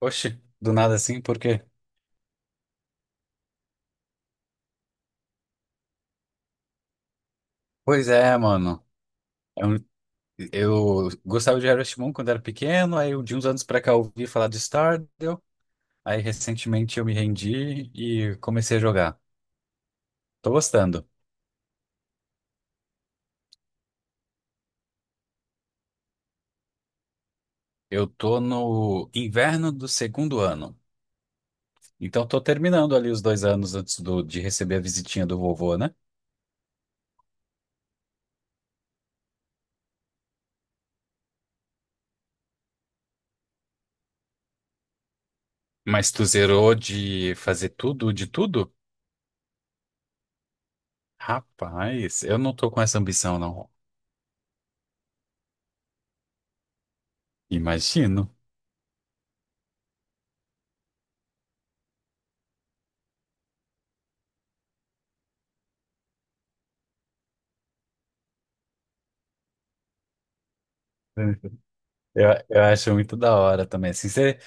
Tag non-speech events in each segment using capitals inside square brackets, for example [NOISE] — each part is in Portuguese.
Oxe, do nada assim, por quê? Pois é, mano. É um- gostava de Harvest Moon quando era pequeno, aí de uns anos pra cá eu ouvi falar de Stardew, aí recentemente eu me rendi e comecei a jogar. Tô gostando. Eu tô no inverno do segundo ano, então tô terminando ali os dois anos de receber a visitinha do vovô, né? Mas tu zerou de fazer tudo, de tudo? Rapaz, eu não tô com essa ambição, não. Imagino. Eu acho muito da hora também. Assim, você,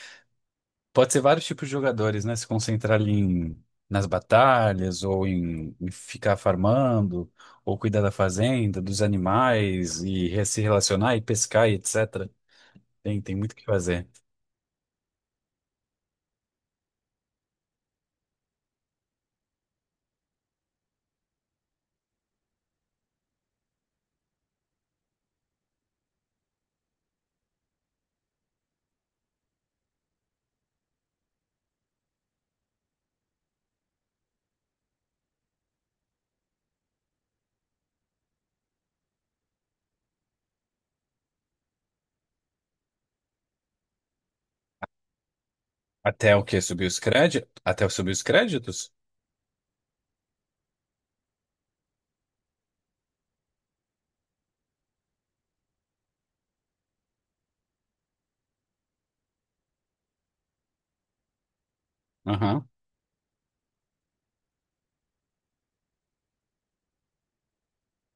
pode ser vários tipos de jogadores, né? Se concentrar ali nas batalhas, ou em ficar farmando, ou cuidar da fazenda, dos animais, e se relacionar, e pescar, e etc. Tem muito o que fazer. Até o quê? Subir os créditos? Até subir os créditos? Aham.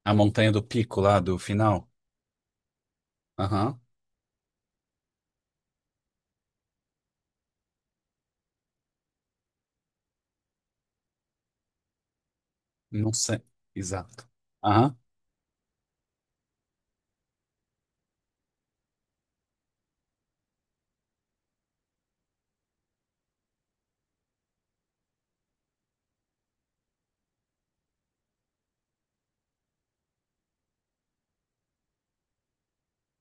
A montanha do pico lá do final? Aham. Não sei. Exato. Aham.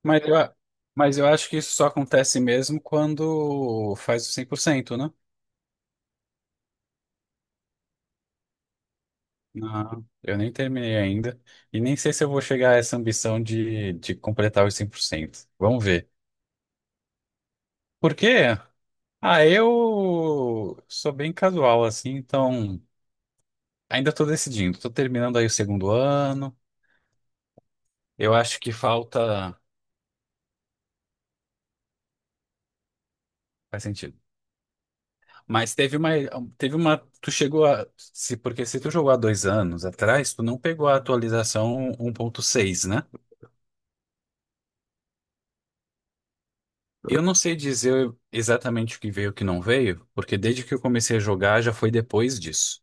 Mas eu, a- mas eu acho que isso só acontece mesmo quando faz o 100%, né? Não, eu nem terminei ainda. E nem sei se eu vou chegar a essa ambição de completar os 100%. Vamos ver. Por quê? Ah, eu sou bem casual assim, então ainda estou decidindo. Estou terminando aí o segundo ano. Eu acho que falta. Faz sentido. Mas teve uma. Teve uma. Tu chegou a. Se, Porque se tu jogou há dois anos atrás, tu não pegou a atualização 1.6, né? Eu não sei dizer exatamente o que veio e o que não veio, porque desde que eu comecei a jogar já foi depois disso.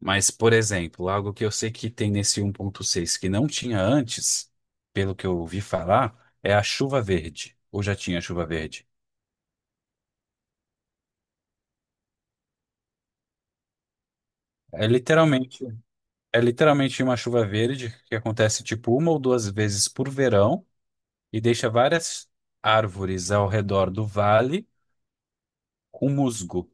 Mas, por exemplo, algo que eu sei que tem nesse 1.6 que não tinha antes, pelo que eu ouvi falar, é a chuva verde. Ou já tinha chuva verde. É literalmente, é literalmente uma chuva verde que acontece tipo uma ou duas vezes por verão e deixa várias árvores ao redor do vale com musgo.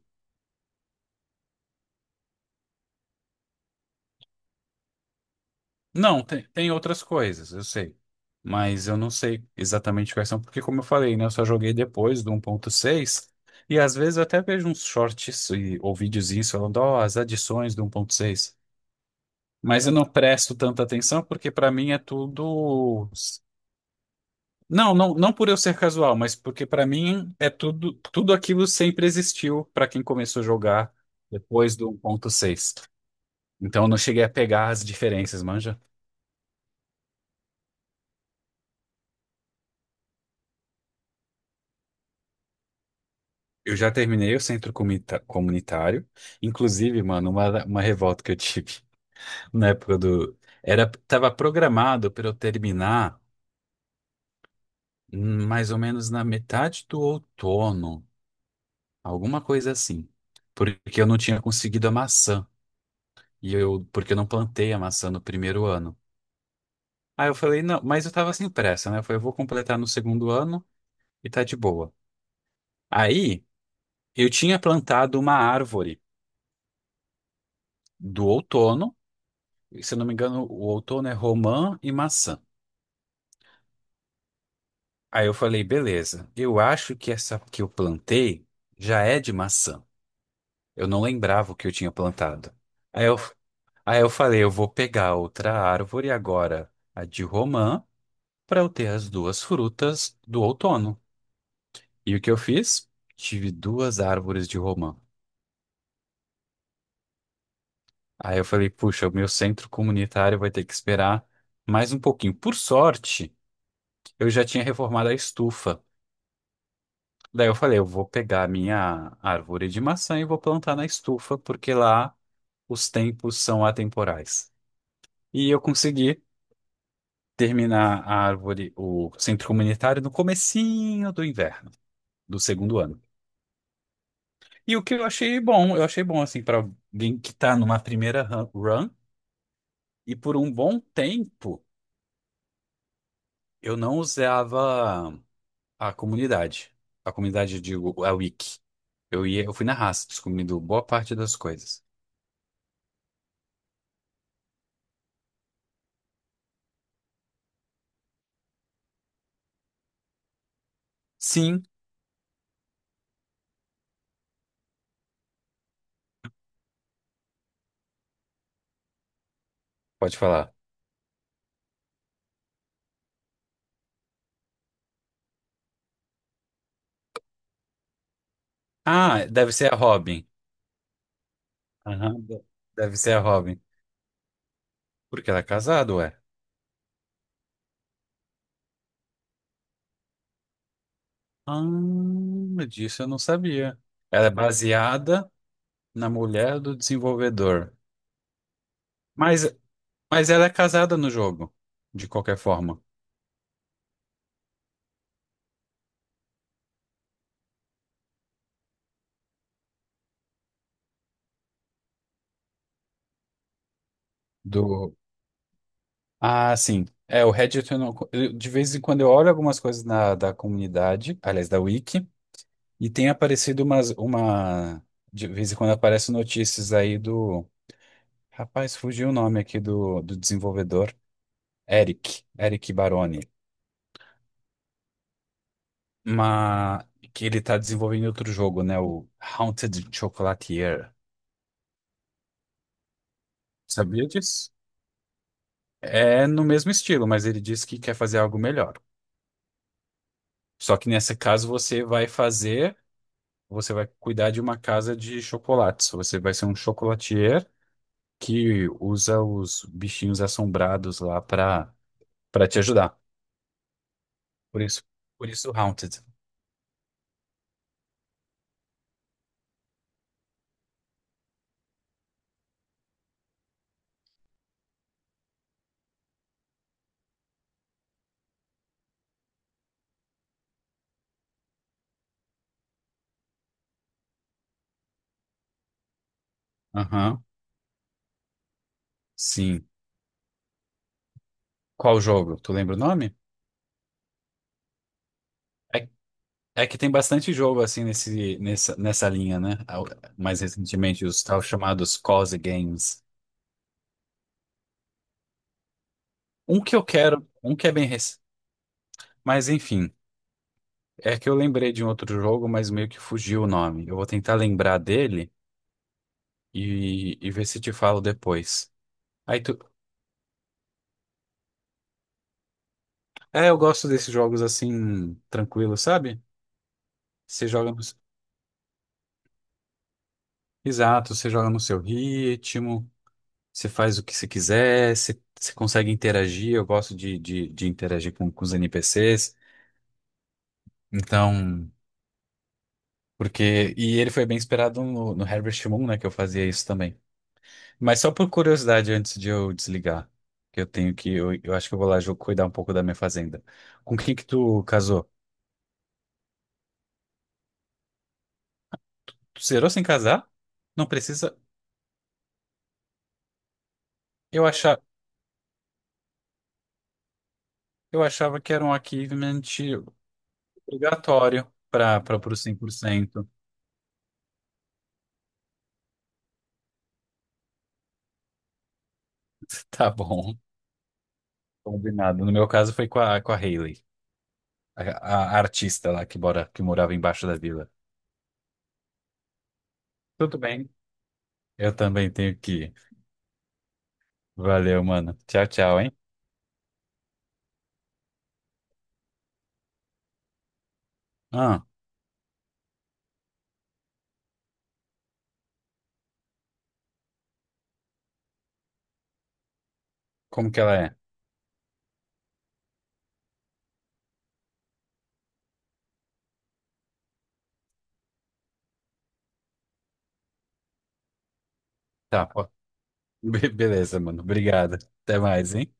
Não, tem outras coisas, eu sei. Mas eu não sei exatamente quais são, porque como eu falei, né, eu só joguei depois do 1.6, e às vezes eu até vejo uns shorts ou videozinhos falando, ó, as adições do 1.6. Mas eu não presto tanta atenção, porque pra mim é tudo... não por eu ser casual, mas porque pra mim é tudo, tudo aquilo sempre existiu pra quem começou a jogar depois do 1.6. Então eu não cheguei a pegar as diferenças, manja? Eu já terminei o comunitário. Inclusive, mano, uma revolta que eu tive [LAUGHS] na época do. Era, tava programado para eu terminar mais ou menos na metade do outono, alguma coisa assim. Porque eu não tinha conseguido a maçã. Porque eu não plantei a maçã no primeiro ano. Aí eu falei, não, mas eu tava sem pressa, né? Eu falei, eu vou completar no segundo ano e tá de boa. Aí eu tinha plantado uma árvore do outono. Se eu não me engano, o outono é romã e maçã. Aí eu falei, beleza, eu acho que essa que eu plantei já é de maçã. Eu não lembrava o que eu tinha plantado. Aí eu, aí eu falei, eu vou pegar outra árvore agora, a de romã, para eu ter as duas frutas do outono. E o que eu fiz? Tive duas árvores de romã. Aí eu falei, puxa, o meu centro comunitário vai ter que esperar mais um pouquinho. Por sorte, eu já tinha reformado a estufa. Daí eu falei, eu vou pegar a minha árvore de maçã e vou plantar na estufa, porque lá os tempos são atemporais. E eu consegui terminar a árvore, o centro comunitário, no comecinho do inverno, do segundo ano. E o que eu achei bom, assim, para alguém que tá numa primeira run, e por um bom tempo eu não usava a comunidade. A comunidade, eu digo, a wiki. Eu fui na raça, descobrindo boa parte das coisas. Sim, pode falar. Ah, deve ser a Robin. Aham, de- Deve ser a Robin. Porque ela é casada, ué. Ah, disso eu não sabia. Ela é baseada na mulher do desenvolvedor. Mas, mas ela é casada no jogo, de qualquer forma. Do... Ah, sim. É, o Reddit, eu não... de vez em quando eu olho algumas coisas na, da comunidade, aliás, da Wiki, e tem aparecido uma... De vez em quando aparecem notícias aí do... Rapaz, fugiu o nome aqui do desenvolvedor. Eric Baroni, mas que ele tá desenvolvendo outro jogo, né? O Haunted Chocolatier. Sabia disso? É no mesmo estilo, mas ele disse que quer fazer algo melhor. Só que nesse caso você vai fazer, você vai cuidar de uma casa de chocolates. Você vai ser um chocolatier que usa os bichinhos assombrados lá pra para te ajudar. Por isso, por isso Haunted. Aham. Sim. Qual jogo? Tu lembra o nome? É. É que tem bastante jogo assim nessa linha, né? Mais recentemente, os tal chamados cozy games. Um que eu quero, um que é bem recente. Mas enfim, é que eu lembrei de um outro jogo, mas meio que fugiu o nome. Eu vou tentar lembrar dele e ver se te falo depois. Aí tu. É, eu gosto desses jogos assim, tranquilo, sabe? Você joga no. Exato, você joga no seu ritmo, você faz o que você quiser, você consegue interagir. Eu gosto de interagir com os NPCs. Então, porque. E ele foi bem inspirado no Harvest Moon, né? Que eu fazia isso também. Mas só por curiosidade, antes de eu desligar, que eu tenho que. Eu acho que eu vou lá cuidar um pouco da minha fazenda. Com quem que tu casou? Tu zerou sem casar? Não precisa. Eu achava, eu achava que era um achievement obrigatório para os cem por cento. [LAUGHS] Tá bom. Combinado. No meu caso foi com a Hayley, a artista lá que morava embaixo da vila. Tudo bem. Eu também tenho que. Valeu, mano. Tchau, tchau, hein? Ah, como que ela é? Tá, ó. [LAUGHS] Beleza, mano. Obrigado. Até mais, hein?